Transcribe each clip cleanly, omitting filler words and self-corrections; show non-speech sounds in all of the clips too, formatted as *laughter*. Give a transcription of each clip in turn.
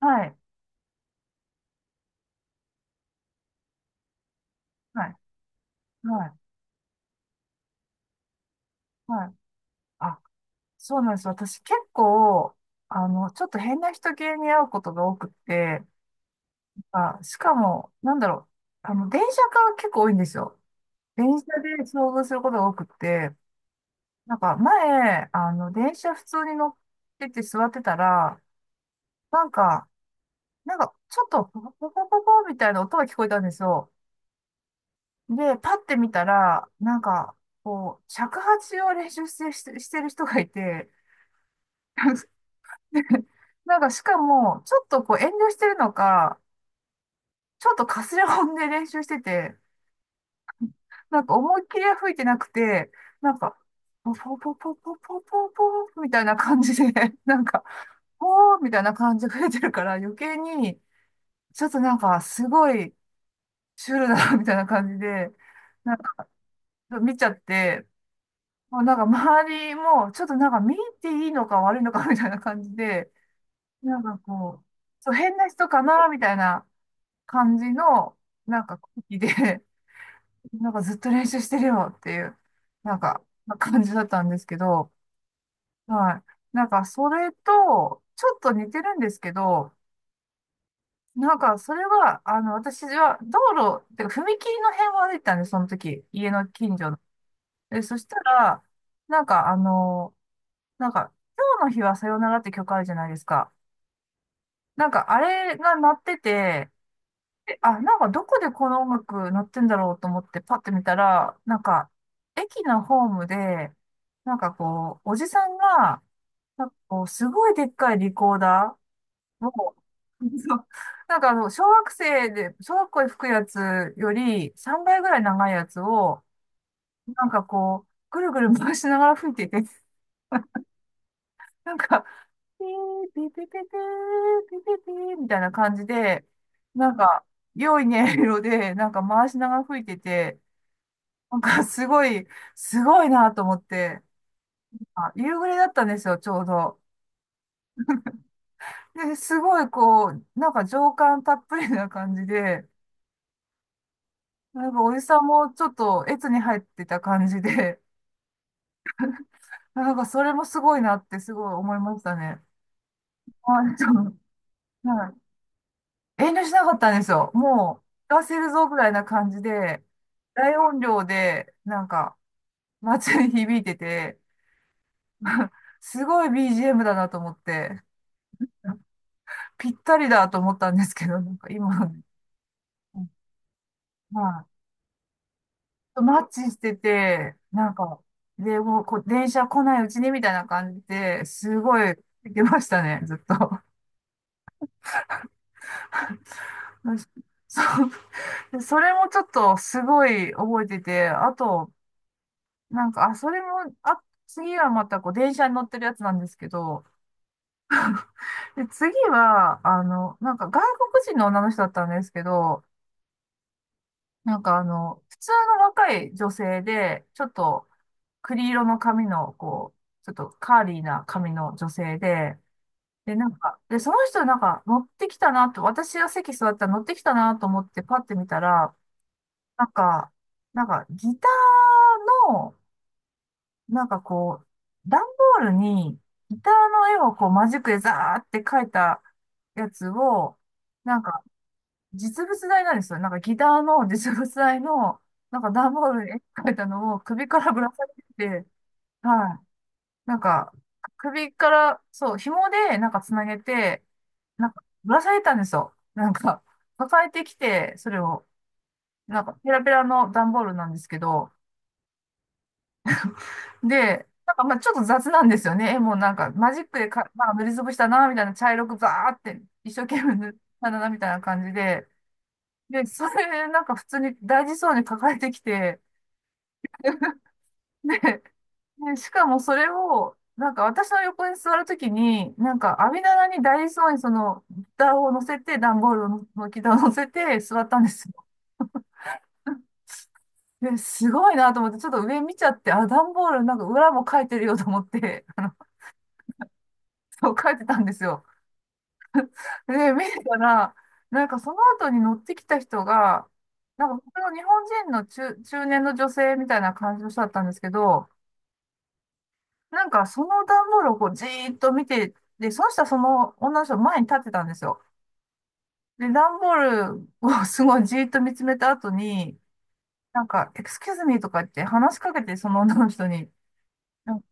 はい、はい、はい、はい。あ、そうなんです。私結構、ちょっと変な人系に会うことが多くって、あ、しかも、なんだろう、電車が結構多いんですよ。電車で遭遇することが多くって、なんか前、電車普通に乗ってて座ってたら、なんか、なんか、ちょっとポコポコポコみたいな音が聞こえたんですよ。で、パッて見たら、なんか、こう、尺八を練習してる人がいて、*laughs* なん *laughs* なんかしかも、ちょっとこう遠慮してるのか、ちょっとかすれ音で練習してて、なんか思いっきりは吹いてなくて、なんか、ポポポポポポポポみたいな感じで、*laughs* なんか、ポーみたいな感じで吹いてるから余計に、ちょっとなんかすごいシュールだな、みたいな感じで、なんか見ちゃって、もうなんか周りも、ちょっとなんか見ていいのか悪いのかみたいな感じで、なんかこう、そう変な人かな、みたいな。感じの、なんか、空気で、*laughs* なんかずっと練習してるよっていう、なんか、感じだったんですけど、はい。なんか、それと、ちょっと似てるんですけど、なんか、それは、私は、道路、てか、踏切の辺を歩いてたんで、その時、家の近所の。で、そしたら、なんか、なんか、今日の日はさよならって曲あるじゃないですか。なんか、あれが鳴ってて、えあ、なんかどこでこの音楽鳴ってんだろうと思ってパッて見たら、なんか駅のホームで、なんかこう、おじさんが、なんかこう、すごいでっかいリコーダーを、*laughs* そうなんか小学生で、小学校で吹くやつより3倍ぐらい長いやつを、なんかこう、ぐるぐる回しながら吹いてて、なんか、ピー、ピーピーピーピー、ピーピーピーみたいな感じで、なんか、良い音色で、なんか回しながら吹いてて、なんかすごい、すごいなと思って、あ、夕暮れだったんですよ、ちょうど。で、すごいこう、なんか情感たっぷりな感じで、なんかおじさんもちょっと越に入ってた感じで、*laughs* なんかそれもすごいなってすごい思いましたね。あ、ちょっと、はい。遠慮しなかったんですよ。もう、聞かせるぞぐらいな感じで、大音量で、なんか、街に響いてて、*laughs* すごい BGM だなと思って。ぴったりだと思ったんですけど、なんか今の、まあ、マッチしてて、なんか、でもうこう、電車来ないうちにみたいな感じで、すごい、行きましたね、ずっと。*laughs* そう。それもちょっとすごい覚えてて、あと、なんか、あ、それも、あ、次はまたこう、電車に乗ってるやつなんですけど、で、次は、なんか外国人の女の人だったんですけど、なんか普通の若い女性で、ちょっと、栗色の髪の、こう、ちょっとカーリーな髪の女性で、で、なんか、で、その人なんか乗ってきたなと、私が席座ったら乗ってきたなと思ってパッて見たら、なんか、なんかギターの、なんかこう、段ボールにギターの絵をこうマジックでザーって描いたやつを、なんか実物大なんですよ。なんかギターの実物大の、なんか段ボールに絵描いたのを首からぶら下げてて、はい。なんか、首から、そう、紐で、なんかつなげて、なんか、ぶら下げたんですよ。なんか、抱えてきて、それを、なんか、ペラペラの段ボールなんですけど、で、なんか、まあちょっと雑なんですよね。絵もなんか、マジックでか、なんか塗りつぶしたな、みたいな、茶色くザーって、一生懸命塗ったな、みたいな感じで、で、それ、なんか、普通に大事そうに抱えてきて、で、ねしかもそれを、なんか私の横に座るときに、なんか網棚にダイソーにその、蓋を乗せて、段ボールの板を乗せて座ったんですよ。で、すごいなと思って、ちょっと上見ちゃって、あ、段ボールなんか裏も書いてるよと思って、*laughs* あの、そう書いてたんですよ。で、見てたら、なんかその後に乗ってきた人が、なんか僕の日本人の中年の女性みたいな感じの人だったんですけど、なんかその段ボールをこうじーっと見て、で、その人はその女の人の前に立ってたんですよ。で、段ボールをすごいじーっと見つめた後に、なんか、エクスキューズミーとか言って話しかけて、その女の人に、なんか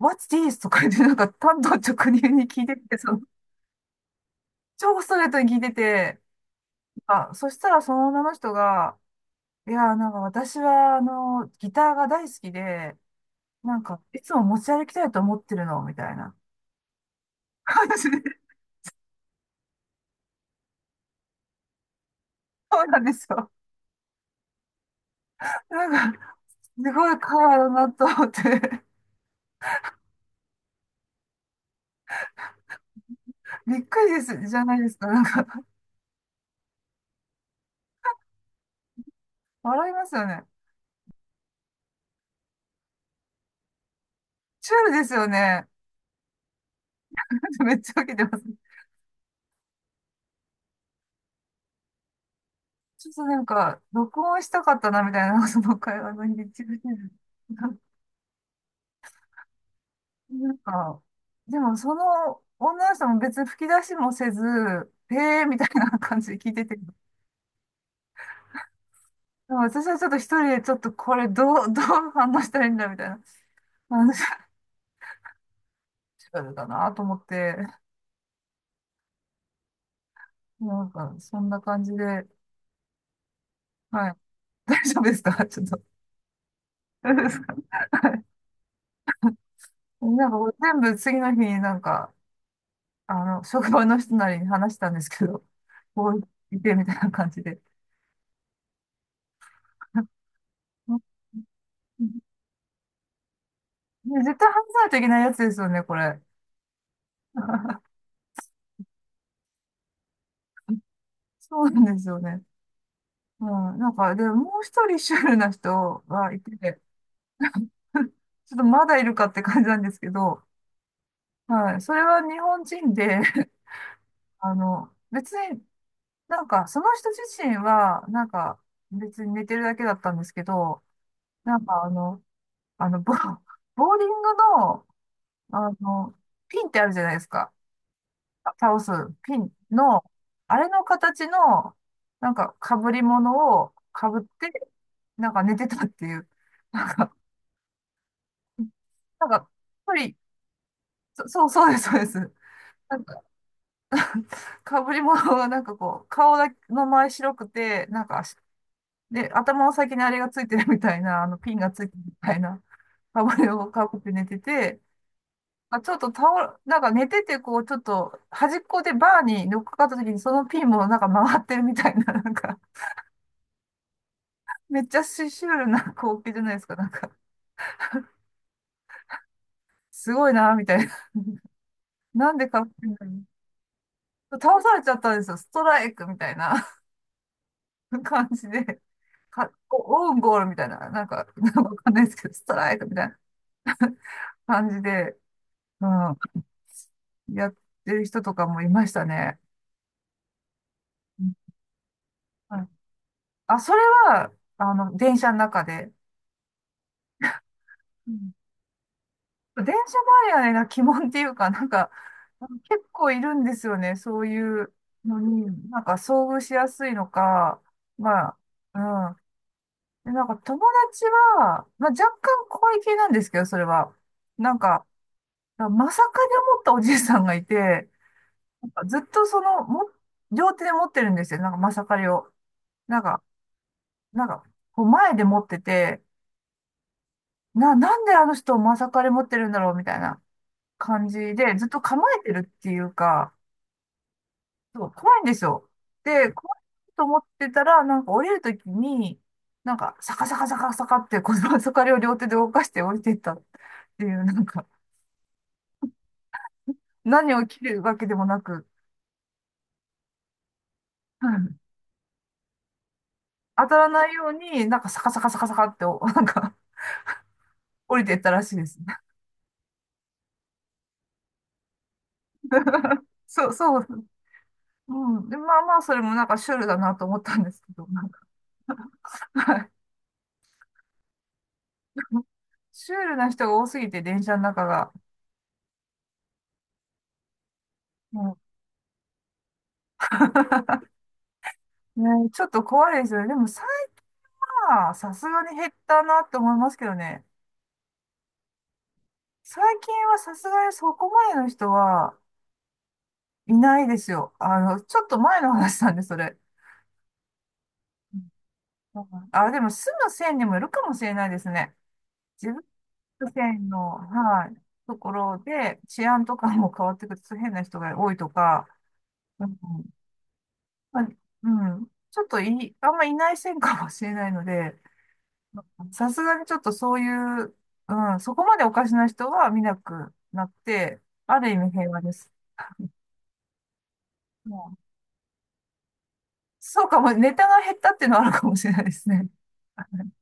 What's this? とか言って、なんか、単刀直入に聞いてて、その、超ストレートに聞いてて、あ、そしたらその女の人が、いや、なんか私は、ギターが大好きで、なんか、いつも持ち歩きたいと思ってるの、みたいな感じで。そうなんですよ。なんか、すごい会話だなと思って、びっくりです、じゃないですか。なんか、笑いますよね。チュールですよね。*laughs* めっちゃ受けてます。ちょっとなんか、録音したかったな、みたいな、*laughs* その会話の日り口な。んか、でもその女の人も別に吹き出しもせず、へえーみたいな感じで聞いてて。でも私はちょっと一人でちょっとこれどう反応したらいいんだ、みたいな。話がチュールだなと思って、なんか、そんな感じで、はい。大丈夫ですかちょっと。*laughs* 大丈夫ですかはいなんか全部次の日になんか、職場の人なりに話したんですけど、*laughs* こう言ってみたいな感じで。*laughs* ね絶対話さないといけないやつですよね、これ。*laughs* そうなんですよね。うん、なんか、で、もう一人シュールな人がいて、*laughs* ちょっとまだいるかって感じなんですけど、はい、それは日本人で、*laughs* 別になんか、その人自身は、なんか、別に寝てるだけだったんですけど、なんかあの、ボ、ボーリングの、あの、ピンってあるじゃないですか。あ倒すピンの、あれの形の、なんか被り物を被って、なんか寝てたっていう。なんか、なんか、一人、そう、そうです、そうです。なんか、被り物がなんかこう、顔だけの前白くて、なんかし、で、頭の先にあれがついてるみたいな、ピンがついてるみたいな、被りを被って寝てて、まあちょっと倒れ、なんか寝てて、こう、ちょっと端っこでバーに乗っかかった時に、そのピンもなんか回ってるみたいな、なんか、めっちゃシュールな光景じゃないですか、なんか、すごいな、みたいな。なんでか、倒されちゃったんですよ、ストライクみたいな *laughs* 感じで。か、オウンゴールみたいな、なんか、なんかわかんないですけど、ストライクみたいな *laughs* 感じで、うん、やってる人とかもいましたね。うんはいあ、それは、電車の中で。電車マニアな鬼門っていうか、なんか、結構いるんですよね、そういうのに、なんか遭遇しやすいのか、まあ、うん。で、なんか友達は、まあ若干怖い系なんですけど、それは。なんか、まさかに思ったおじいさんがいて、なんかずっとその、も、両手で持ってるんですよ、なんかまさかりを。なんか、なんか、こう前で持ってて、なんであの人まさかり持ってるんだろうみたいな感じで、ずっと構えてるっていうか、そう、怖いんですよ。で、怖いと思ってたら、なんか降りるときに、なんか、サカサカサカサカって、この *laughs* そかりを両手で動かして降りていったっていう、なんか、何を切るわけでもなく、うん当たらないように、なんかサカサカサカサカって、おなんか、降りていったらしいですね。*laughs* そう、そう。うん。で、まあまあ、それもなんかシュールだなと思ったんですけど、なんか、はいシュールな人が多すぎて、電車の中が。うん *laughs* ね、ちょっと怖いですよね。でも、まあ、さすがに減ったなって思いますけどね。最近はさすがにそこまでの人はいないですよ。ちょっと前の話なんで、それ。うんあ、でも住む線にもいるかもしれないですね。自分の線の、はい、ところで治安とかも変わってくると変な人が多いとか、うん、まあうん、ちょっとい、あんまいない線かもしれないので、さすがにちょっとそういう、うん、そこまでおかしな人は見なくなって、ある意味平和です。もうんそうかも、ネタが減ったっていうのはあるかもしれないですね。*laughs*